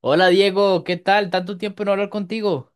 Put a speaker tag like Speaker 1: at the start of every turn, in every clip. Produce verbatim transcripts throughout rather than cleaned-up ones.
Speaker 1: Hola Diego, ¿qué tal? Tanto tiempo no hablar contigo.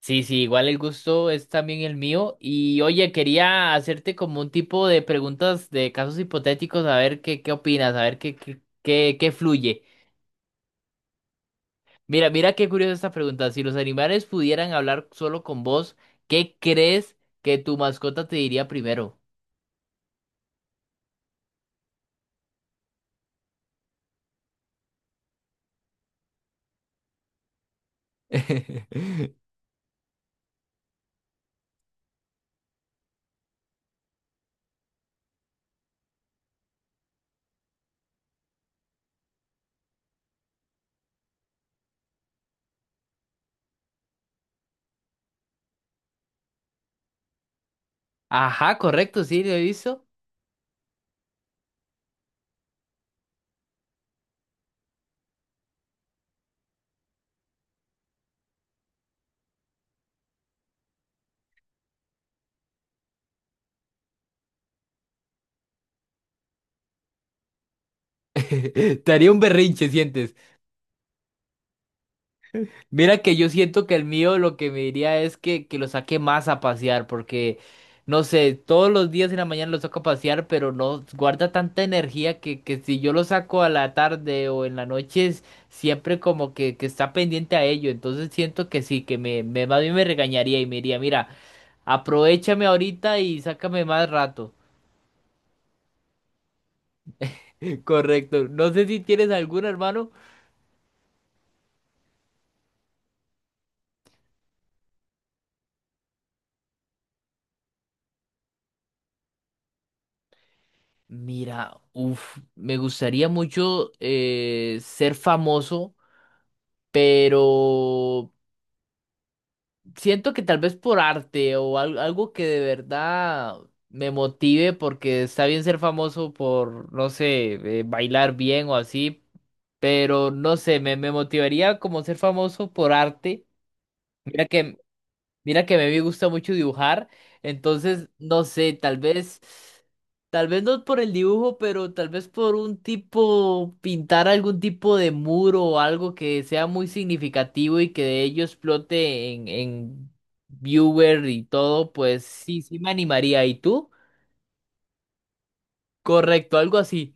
Speaker 1: Sí, sí, igual el gusto es también el mío. Y oye, quería hacerte como un tipo de preguntas de casos hipotéticos, a ver qué, qué opinas, a ver qué, qué, qué, qué fluye. Mira, mira qué curiosa esta pregunta. Si los animales pudieran hablar solo con vos, ¿qué crees que tu mascota te diría primero? Ajá, correcto, sí, lo he visto. Te haría un berrinche. Mira que yo siento que el mío lo que me diría es que, que lo saque más a pasear, porque no sé, todos los días en la mañana lo saco a pasear, pero no guarda tanta energía que, que si yo lo saco a la tarde o en la noche, es siempre como que, que está pendiente a ello. Entonces siento que sí, que me, me más bien me regañaría y me diría, mira, aprovechame ahorita y sácame más rato. Correcto. No sé si tienes algún hermano. Mira, uff, me gustaría mucho eh, ser famoso, pero siento que tal vez por arte o al- algo que de verdad me motive, porque está bien ser famoso por, no sé, eh, bailar bien o así, pero no sé, me, me motivaría como ser famoso por arte. Mira que Mira que a mí me gusta mucho dibujar, entonces no sé, tal vez, tal vez no por el dibujo, pero tal vez por un tipo, pintar algún tipo de muro o algo que sea muy significativo y que de ello explote en, en viewer y todo, pues sí, sí me animaría. ¿Y tú? Correcto, algo así.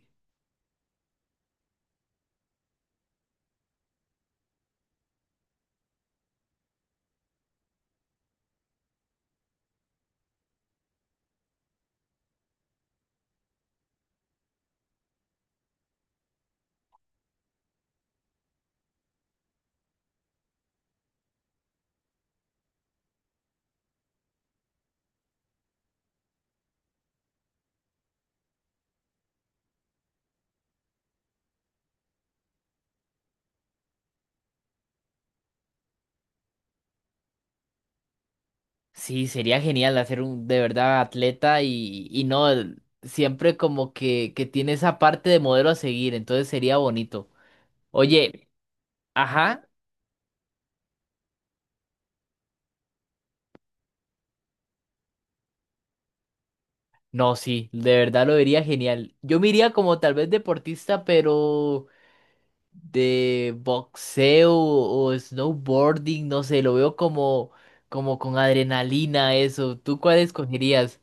Speaker 1: Sí, sería genial hacer un de verdad atleta y, y no, el- siempre como que, que tiene esa parte de modelo a seguir, entonces sería bonito. Oye. Ajá, no, sí, de verdad lo vería genial. Yo me iría como tal vez deportista, pero de boxeo o snowboarding, no sé, lo veo como, como con adrenalina, eso. ¿Tú cuál escogerías?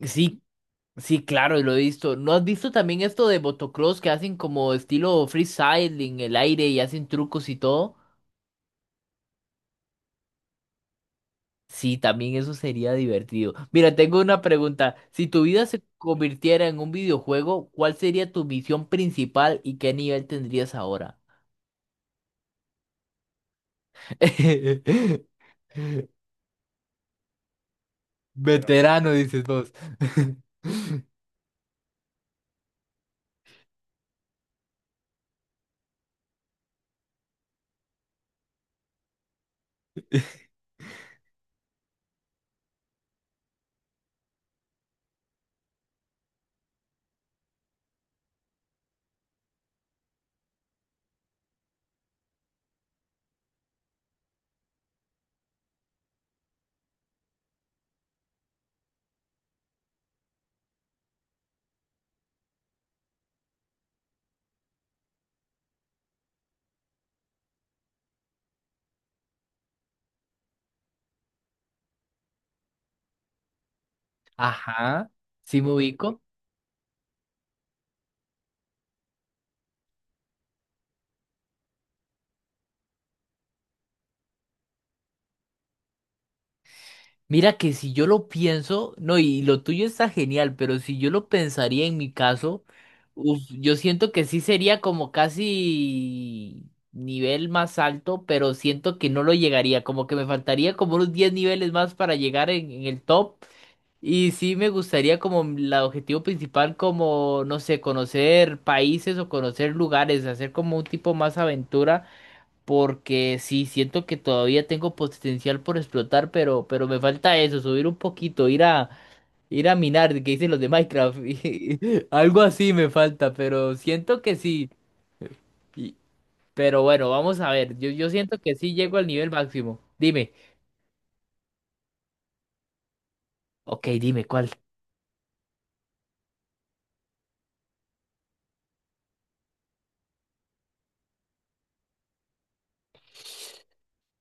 Speaker 1: Sí, sí, claro, lo he visto. ¿No has visto también esto de motocross que hacen como estilo freestyle en el aire y hacen trucos y todo? Sí, también eso sería divertido. Mira, tengo una pregunta. Si tu vida se convirtiera en un videojuego, ¿cuál sería tu misión principal y qué nivel tendrías ahora? Pero, veterano, dices vos. Ajá, sí me ubico. Mira que si yo lo pienso, no, y lo tuyo está genial, pero si yo lo pensaría en mi caso, uf, yo siento que sí sería como casi nivel más alto, pero siento que no lo llegaría, como que me faltaría como unos diez niveles más para llegar en, en el top. Y sí me gustaría como el objetivo principal, como, no sé, conocer países o conocer lugares, hacer como un tipo más aventura porque sí, siento que todavía tengo potencial por explotar, pero, pero me falta eso, subir un poquito, ir a, ir a minar, que dicen los de Minecraft, y algo así me falta, pero siento que sí, y- pero bueno, vamos a ver, yo, yo siento que sí llego al nivel máximo, dime, ok, dime, ¿cuál?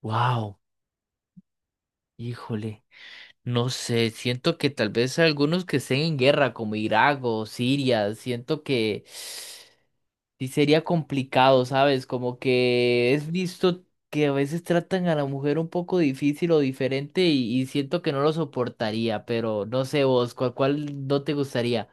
Speaker 1: Wow, híjole, no sé, siento que tal vez algunos que estén en guerra, como Irak o Siria, siento que… Sí sería complicado, ¿sabes? Como que es visto que a veces tratan a la mujer un poco difícil o diferente y, y siento que no lo soportaría, pero no sé vos, ¿cuál, cuál no te gustaría?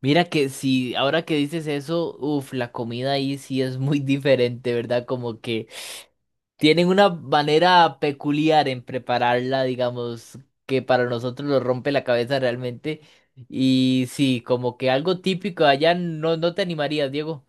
Speaker 1: Mira que si ahora que dices eso, uff, la comida ahí sí es muy diferente, ¿verdad? Como que tienen una manera peculiar en prepararla, digamos, que para nosotros nos rompe la cabeza realmente. Y sí, como que algo típico allá no, no te animarías, Diego.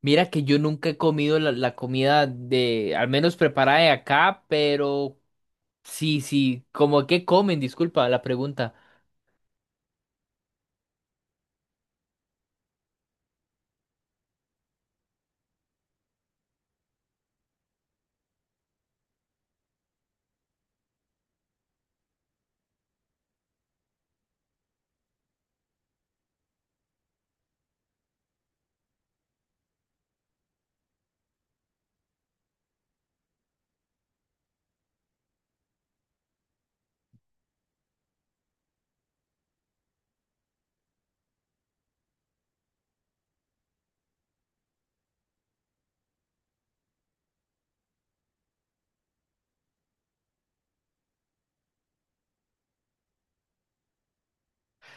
Speaker 1: Mira que yo nunca he comido la, la comida de, al menos preparada de acá, pero sí, sí, como que comen, disculpa la pregunta.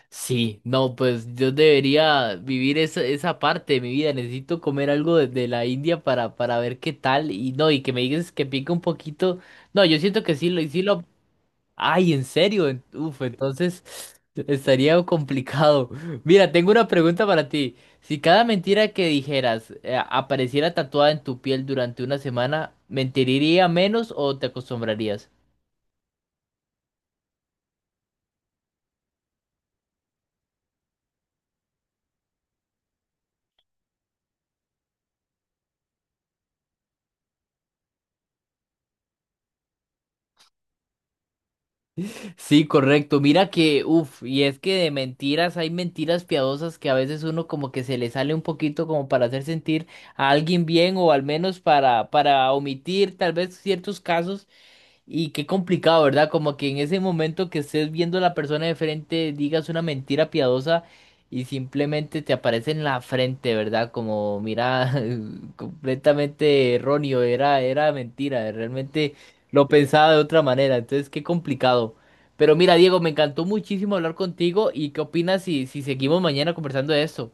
Speaker 1: Sí, no, pues yo debería vivir esa, esa parte de mi vida. Necesito comer algo de, de la India para, para ver qué tal. Y no, y que me digas que pica un poquito. No, yo siento que sí, lo, sí lo… Ay, ¿en serio? En- Uf, entonces estaría complicado. Mira, tengo una pregunta para ti. Si cada mentira que dijeras eh, apareciera tatuada en tu piel durante una semana, ¿mentiría menos o te acostumbrarías? Sí, correcto. Mira que, uff, y es que de mentiras hay mentiras piadosas que a veces uno como que se le sale un poquito como para hacer sentir a alguien bien o al menos para, para omitir tal vez ciertos casos. Y qué complicado, ¿verdad? Como que en ese momento que estés viendo a la persona de frente, digas una mentira piadosa y simplemente te aparece en la frente, ¿verdad? Como, mira, completamente erróneo, era, era mentira, realmente lo pensaba de otra manera, entonces qué complicado. Pero mira, Diego, me encantó muchísimo hablar contigo y qué opinas si, si seguimos mañana conversando de esto.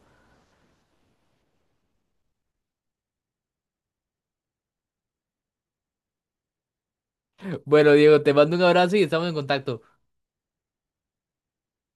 Speaker 1: Bueno, Diego, te mando un abrazo y estamos en contacto.